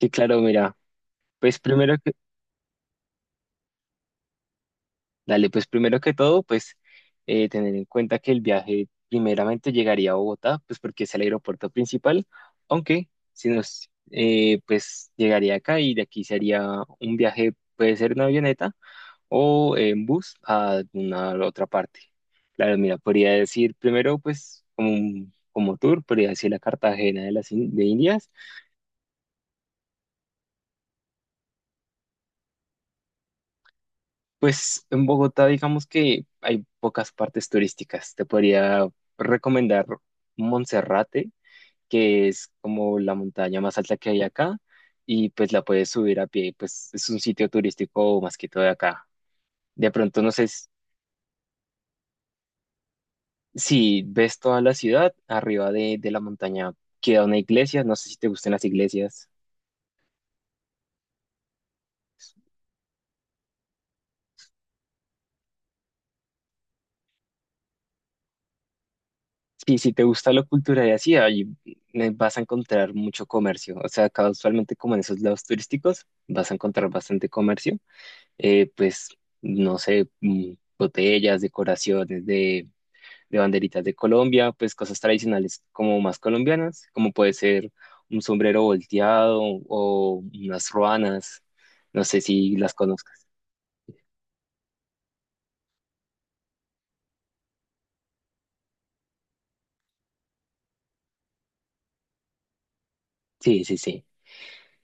Sí, claro, mira, pues primero que, dale, pues primero que todo, pues tener en cuenta que el viaje primeramente llegaría a Bogotá, pues porque es el aeropuerto principal, aunque si nos, pues llegaría acá y de aquí sería un viaje, puede ser en avioneta o en bus a alguna otra parte. Claro, mira, podría decir primero, pues como, como tour, podría decir la Cartagena de Indias. Pues en Bogotá digamos que hay pocas partes turísticas. Te podría recomendar Monserrate, que es como la montaña más alta que hay acá, y pues la puedes subir a pie, pues es un sitio turístico más que todo de acá. De pronto no sé si ves toda la ciudad, arriba de la montaña queda una iglesia, no sé si te gustan las iglesias. Sí, si te gusta la cultura y así, ahí vas a encontrar mucho comercio. O sea, casualmente como en esos lados turísticos, vas a encontrar bastante comercio. Eh, pues, no sé, botellas, decoraciones de banderitas de Colombia, pues cosas tradicionales como más colombianas, como puede ser un sombrero volteado o unas ruanas. No sé si las conozcas. Sí, sí, sí.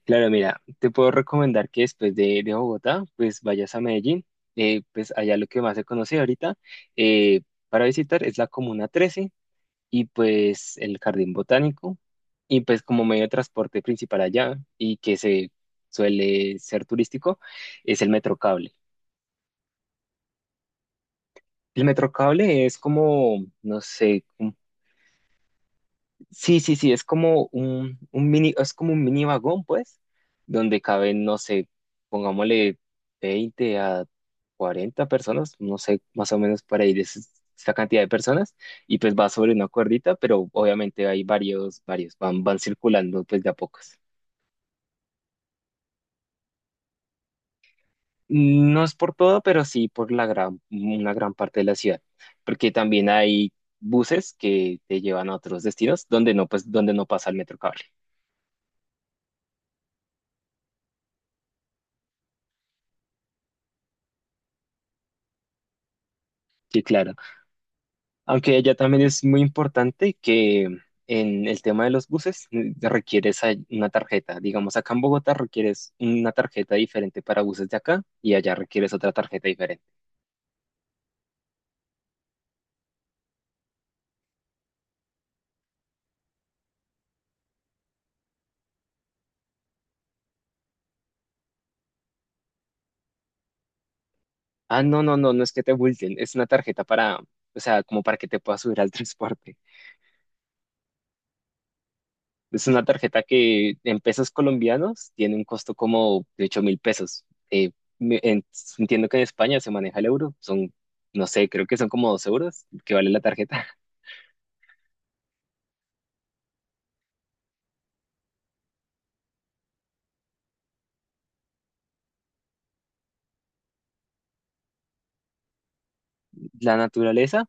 Claro, mira, te puedo recomendar que después de Bogotá, pues vayas a Medellín. Pues allá lo que más se conoce ahorita eh, para visitar es la Comuna 13 y pues el Jardín Botánico y pues como medio de transporte principal allá y que se suele ser turístico es el Metrocable. El Metrocable es como, no sé. Sí, sí, sí, es como un mini, es como un mini vagón, pues, donde caben, no sé, pongámosle 20 a 40 personas, no sé, más o menos para ir esta cantidad de personas, y pues va sobre una cuerdita, pero obviamente hay varios, van circulando pues de a pocos. No es por todo, pero sí por la gran, una gran parte de la ciudad, porque también hay buses que te llevan a otros destinos donde no, pues, donde no pasa el metro cable. Sí, claro. Aunque allá también es muy importante que en el tema de los buses requieres una tarjeta. Digamos, acá en Bogotá requieres una tarjeta diferente para buses de acá y allá requieres otra tarjeta diferente. Ah, no, no, no, no es que te multen, es una tarjeta para, o sea, como para que te puedas subir al transporte. Es una tarjeta que en pesos colombianos tiene un costo como de 8.000 pesos. Eh, me- en- Entiendo que en España se maneja el euro, son, no sé, creo que son como 2 euros que vale la tarjeta. La naturaleza.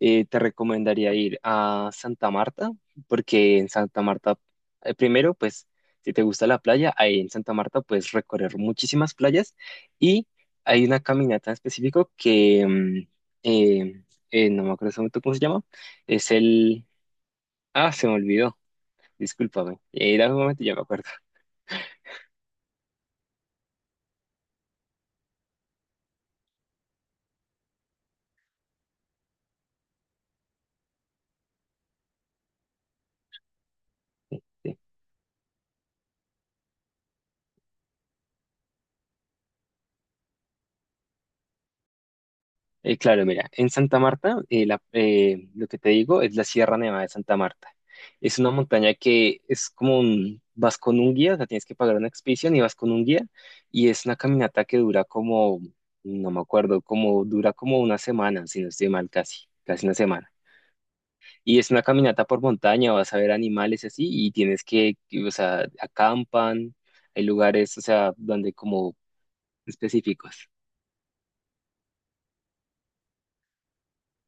Te recomendaría ir a Santa Marta, porque en Santa Marta, primero, pues, si te gusta la playa, ahí en Santa Marta puedes recorrer muchísimas playas y hay una caminata en específico que, eh, no me acuerdo en este momento cómo se llama, es el— Ah, se me olvidó, discúlpame, dame un momento, y ya me acuerdo. Claro, mira, en Santa Marta, lo que te digo es la Sierra Nevada de Santa Marta. Es una montaña que es como un, vas con un guía, o sea, tienes que pagar una expedición y vas con un guía, y es una caminata que dura como, no me acuerdo, como dura como una semana, si no estoy mal, casi, casi una semana. Y es una caminata por montaña, vas a ver animales y así, y tienes que, o sea, acampan, hay lugares, o sea, donde como específicos.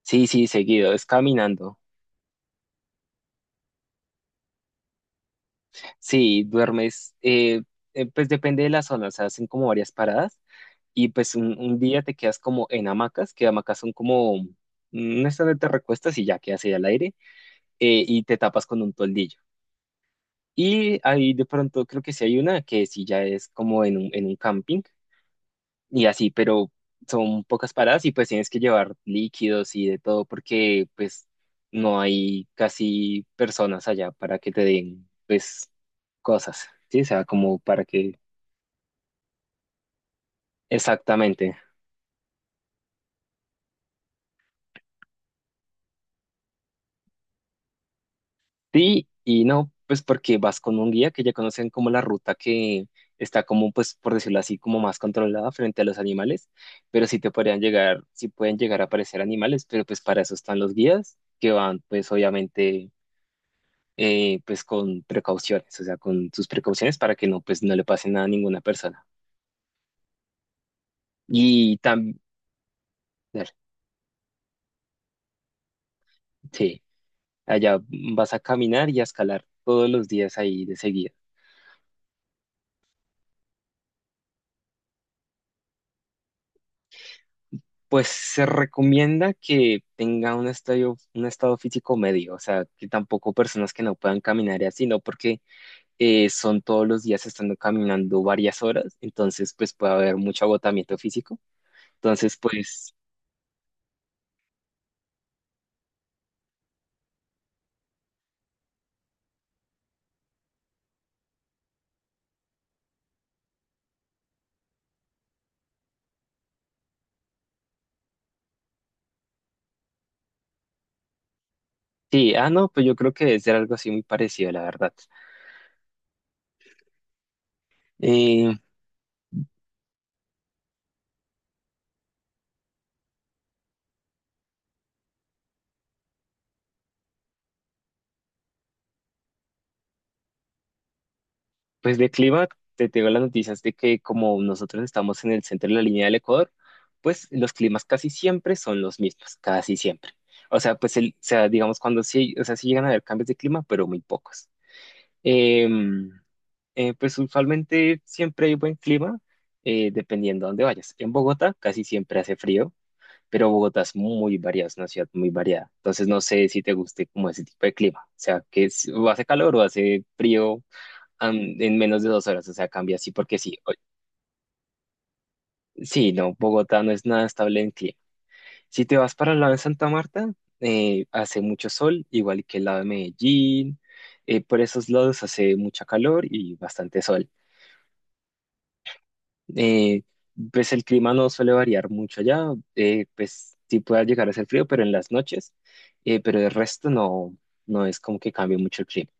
Sí, sí, seguido, es caminando. Sí, duermes, pues depende de la zona, o sea, hacen como varias paradas y pues un día te quedas como en hamacas, que hamacas son como, mm, no es donde te recuestas y ya quedas ahí al aire y te tapas con un toldillo. Y ahí de pronto creo que sí hay una que sí ya es como en un, camping y así, pero son pocas paradas y pues tienes que llevar líquidos y de todo porque pues no hay casi personas allá para que te den pues cosas, ¿sí? O sea, como para que— Exactamente. Sí y no, pues porque vas con un guía que ya conocen como la ruta que está como, pues por decirlo así, como más controlada frente a los animales, pero sí te podrían llegar, sí pueden llegar a aparecer animales, pero pues para eso están los guías que van pues obviamente pues con precauciones, o sea, con sus precauciones para que no pues no le pase nada a ninguna persona. Y también, sí, allá vas a caminar y a escalar todos los días ahí de seguida. Pues se recomienda que tenga un estadio, un estado físico medio, o sea, que tampoco personas que no puedan caminar y así, no porque son todos los días estando caminando varias horas, entonces pues puede haber mucho agotamiento físico. Entonces, pues sí, ah, no, pues yo creo que debe ser algo así muy parecido, la verdad. Eh, Pues de clima, te tengo las noticias de que como nosotros estamos en el centro de la línea del Ecuador, pues los climas casi siempre son los mismos, casi siempre. O sea, pues el, o sea, digamos cuando sí, o sea, sí llegan a haber cambios de clima, pero muy pocos. Em, pues usualmente siempre hay buen clima, dependiendo a dónde vayas. En Bogotá casi siempre hace frío, pero Bogotá es muy variada, es una ciudad muy variada. Entonces no sé si te guste como ese tipo de clima. O sea, que es- o hace calor o hace frío en menos de 2 horas, o sea, cambia así porque sí. Sí, no, Bogotá no es nada estable en clima. Si te vas para el lado de Santa Marta, hace mucho sol, igual que el lado de Medellín. Por esos lados hace mucha calor y bastante sol. Eh, pues el clima no suele variar mucho allá, pues sí puede llegar a ser frío, pero en las noches, pero el resto no, no es como que cambie mucho el clima.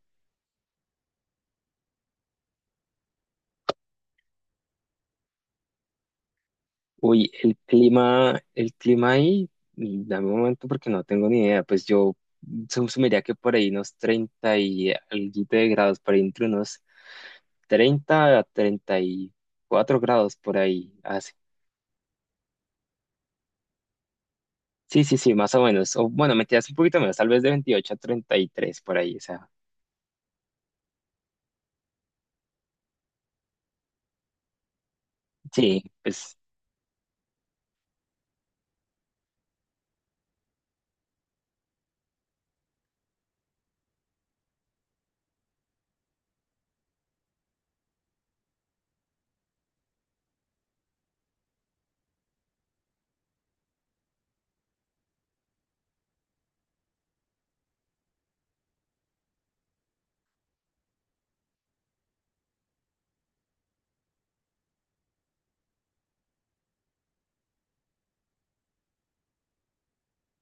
Uy, el clima ahí, dame un momento porque no tengo ni idea. Pues yo sumiría que por ahí unos 30 y algo de grados, por ahí entre unos 30 a 34 grados por ahí hace. Sí, sí, sí, más o menos. O bueno, mentiras un poquito menos, tal vez de 28 a 33 por ahí. O sea, sí, pues.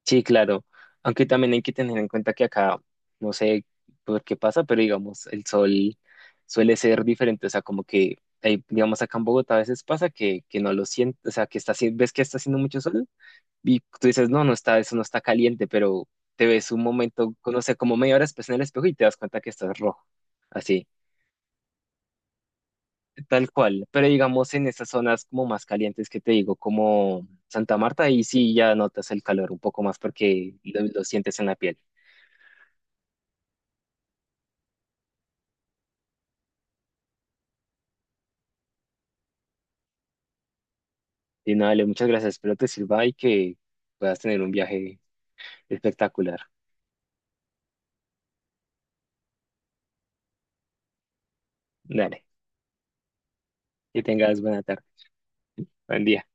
Sí, claro. Aunque también hay que tener en cuenta que acá, no sé por qué pasa, pero digamos, el sol suele ser diferente. O sea, como que, digamos, acá en Bogotá a veces pasa que no lo sientes, o sea, que está, ves que está haciendo mucho sol y tú dices, no, no está, eso no está caliente, pero te ves un momento, no sé, como media hora después en el espejo y te das cuenta que estás rojo. Así, tal cual. Pero digamos, en estas zonas como más calientes que te digo, como Santa Marta, ahí sí ya notas el calor un poco más porque lo sientes en la piel. Y nada, Ale, muchas gracias. Espero te sirva y que puedas tener un viaje espectacular. Dale, que tengas buena tarde, buen día.